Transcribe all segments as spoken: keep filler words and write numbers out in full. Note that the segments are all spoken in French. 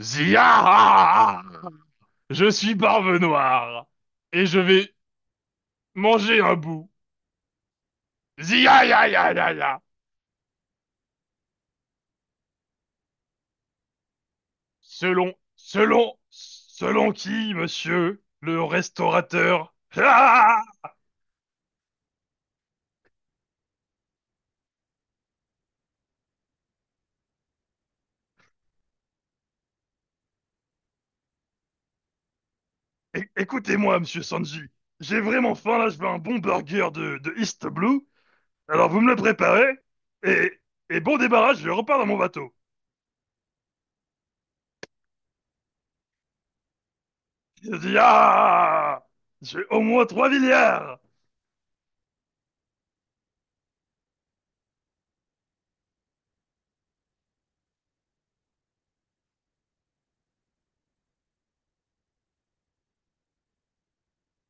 Zia! Je suis Barbe Noire et je vais manger un bout. Zia ya ya ya ya. Selon, selon, selon qui, monsieur? Le restaurateur. Ah. Écoutez-moi, monsieur Sanji. J'ai vraiment faim là, je veux un bon burger de, de East Blue. Alors vous me le préparez et, et bon débarras, je repars dans mon bateau. Zia! J'ai au moins trois milliards!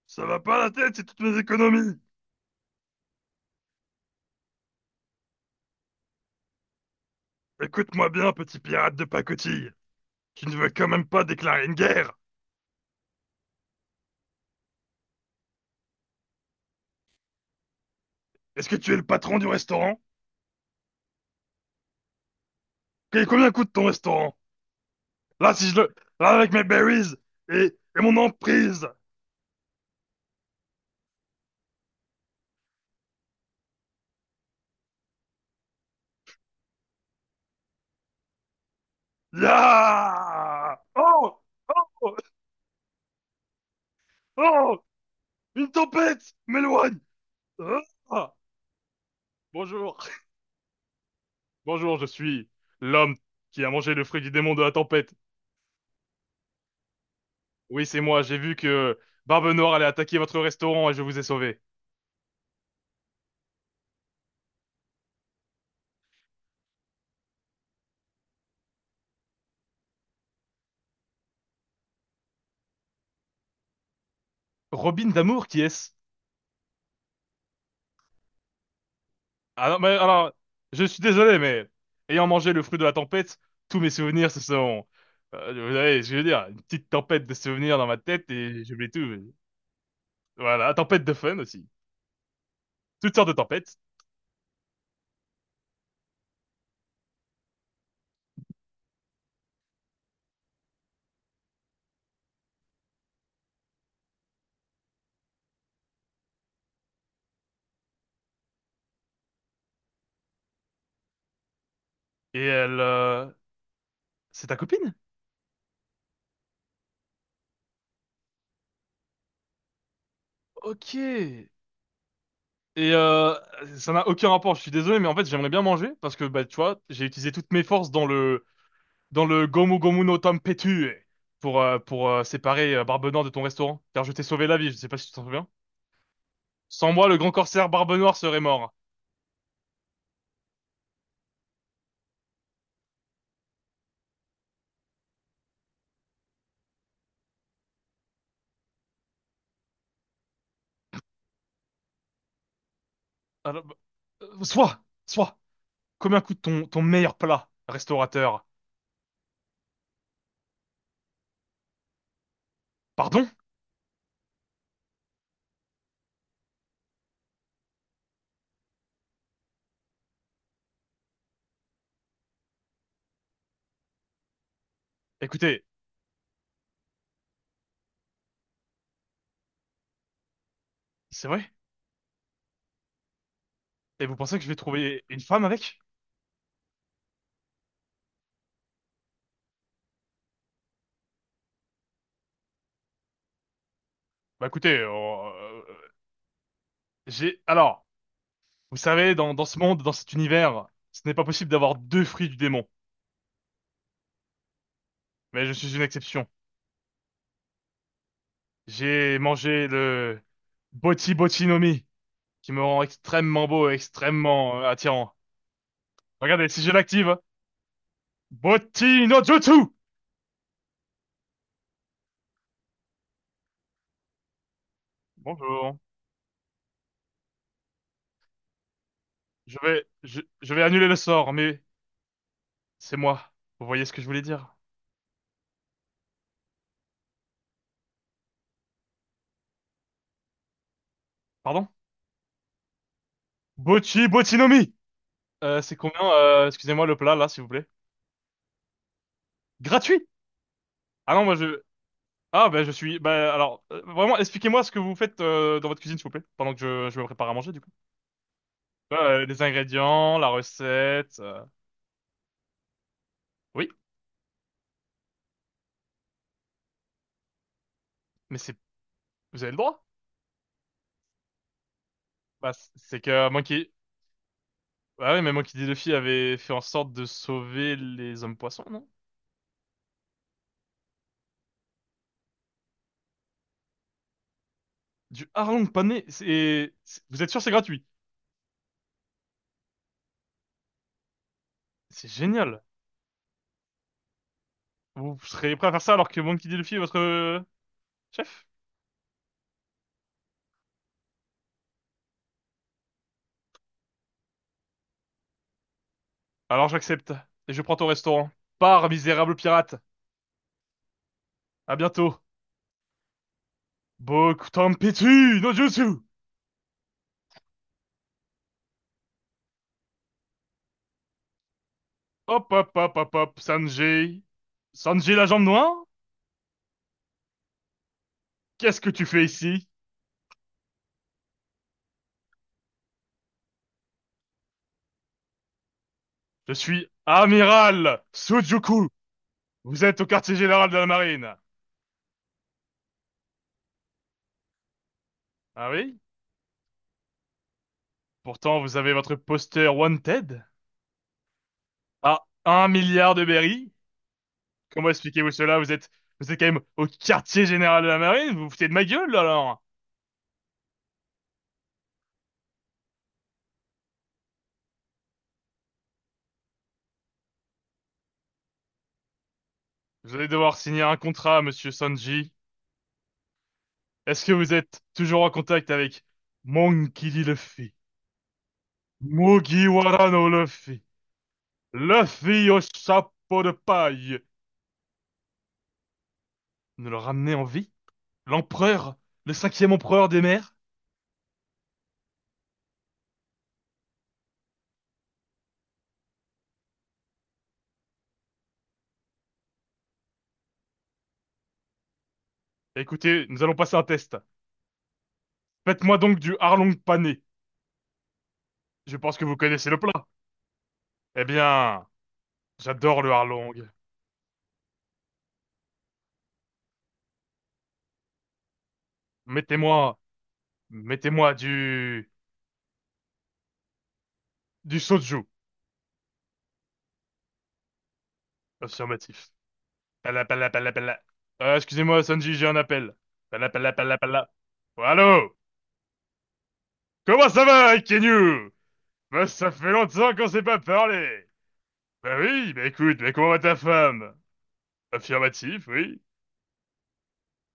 Ça va pas la tête, c'est toutes mes économies. Écoute-moi bien, petit pirate de pacotille. Tu ne veux quand même pas déclarer une guerre? Est-ce que tu es le patron du restaurant? Et combien coûte ton restaurant? Là, si je le. Là, avec mes berries et, et mon emprise. Ya! Oh! Oh! Oh! Une tempête m'éloigne! Ah. Bonjour. Bonjour, je suis l'homme qui a mangé le fruit du démon de la tempête. Oui, c'est moi, j'ai vu que Barbe Noire allait attaquer votre restaurant et je vous ai sauvé. Robin d'amour, qui est-ce? Ah non, mais alors, je suis désolé, mais ayant mangé le fruit de la tempête, tous mes souvenirs, ce sont, euh, vous savez ce que je veux dire, une petite tempête de souvenirs dans ma tête et j'oublie tout. mais- Voilà, tempête de fun aussi. Toutes sortes de tempêtes. Et elle, euh, c'est ta copine? Ok. Et euh, ça n'a aucun rapport, je suis désolé, mais en fait, j'aimerais bien manger parce que, bah, tu vois, j'ai utilisé toutes mes forces dans le, dans le, Gomu Gomu no Tempetue pour, euh, pour euh, séparer euh, Barbenant de ton restaurant, car je t'ai sauvé la vie, je sais pas si tu t'en souviens. Sans moi, le grand corsaire Barbe Noire serait mort. Alors, euh, soit, soit, combien coûte ton, ton meilleur plat, restaurateur? Pardon? Écoutez, c'est vrai? Et vous pensez que je vais trouver une femme avec? Bah écoutez, euh, euh, j'ai... Alors, vous savez, dans, dans ce monde, dans cet univers, ce n'est pas possible d'avoir deux fruits du démon. Mais je suis une exception. J'ai mangé le Boti Boti no Mi, qui me rend extrêmement beau et extrêmement euh, attirant. Regardez, si je l'active, Boti no Jutsu! Bonjour. Je vais, je, je vais annuler le sort, mais c'est moi. Vous voyez ce que je voulais dire? Pardon? Bochi, Botinomi! Euh, c'est combien, euh, excusez-moi, le plat, là, s'il vous plaît? Gratuit! Ah non, moi je... Ah ben je suis... Ben alors, euh, vraiment, expliquez-moi ce que vous faites euh, dans votre cuisine, s'il vous plaît, pendant que je, je me prépare à manger, du coup. Euh, les ingrédients, la recette... euh, Oui, mais c'est... Vous avez le droit? Bah, c- c'est que Monkey... Ah oui, mais Monkey D. Luffy avait fait en sorte de sauver les hommes poissons, non? Du hareng pané, c'est... c'est- Vous êtes sûr c'est gratuit? C'est génial. Vous serez prêt à faire ça alors que Monkey D. Luffy est votre euh, chef? Alors j'accepte. Et je prends ton restaurant. Pars, misérable pirate. À bientôt. Bokutanpitsu no jutsu! Hop hop hop hop hop, Sanji. Sanji la jambe noire? Qu'est-ce que tu fais ici? Je suis amiral Sujuku. Vous êtes au quartier général de la marine. Ah oui? Pourtant, vous avez votre poster Wanted à un milliard de berries. Comment expliquez-vous cela? Vous êtes, vous êtes quand même au quartier général de la marine? Vous vous foutez de ma gueule, alors? Vous allez devoir signer un contrat, monsieur Sanji. Est-ce que vous êtes toujours en contact avec Monkey D. Luffy, Mugiwara no Luffy, Luffy au chapeau de paille? Nous le ramener en vie? L'empereur? Le cinquième empereur des mers? Écoutez, nous allons passer un test. Faites-moi donc du harlong pané. Je pense que vous connaissez le plat. Eh bien, j'adore le harlong. Mettez-moi, mettez-moi du, du soju. Affirmatif. Pala, pala, pala, pala. Euh, excusez-moi, Sanji, j'ai un appel. Pala, pala, pala, pala. Oh, allô? Comment ça va, Kenyu? Bah, ça fait longtemps qu'on s'est pas parlé. Bah oui, bah écoute, mais comment va ta femme? Affirmatif, oui.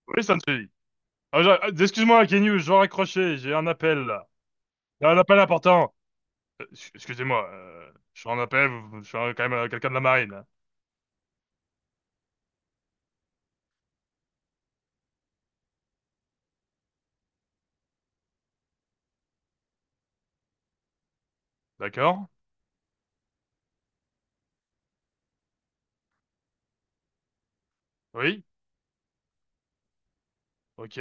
Oui, Sanji. Ah, j'a- ah, excuse-moi, Kenyu, je dois raccrocher, j'ai un appel, là. J'ai un appel important. Euh, ex- excusez-moi, euh, je suis en appel, vous- vous- je suis un- quand même euh, quelqu'un de la marine. Hein. D'accord? Oui? Ok.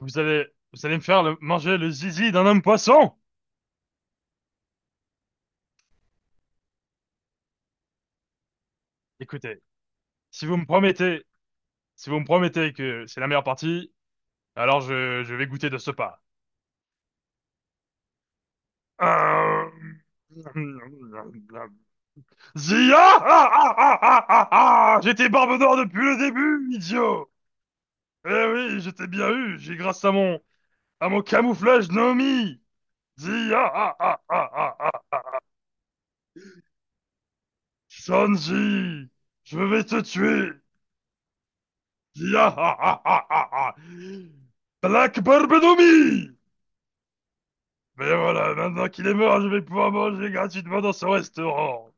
Vous allez, vous allez me faire le- manger le zizi d'un homme poisson? Écoutez. Si vous me promettez Si vous me promettez que c'est la meilleure partie, alors je, je vais goûter de ce pas. Euh, Zia! Ah, ah, ah, ah, ah, ah. J'étais Barbe Noire depuis le début, idiot! Eh oui, j'étais bien eu, j'ai grâce à mon, à mon, camouflage Nomi! Zia! Ah, ah, ah, ah, ah. Sanji! Je vais te tuer! Zia! Ah, ah, ah, ah, ah. Black Barbe Nomi! Mais voilà, maintenant qu'il est mort, je vais pouvoir manger gratuitement dans ce restaurant.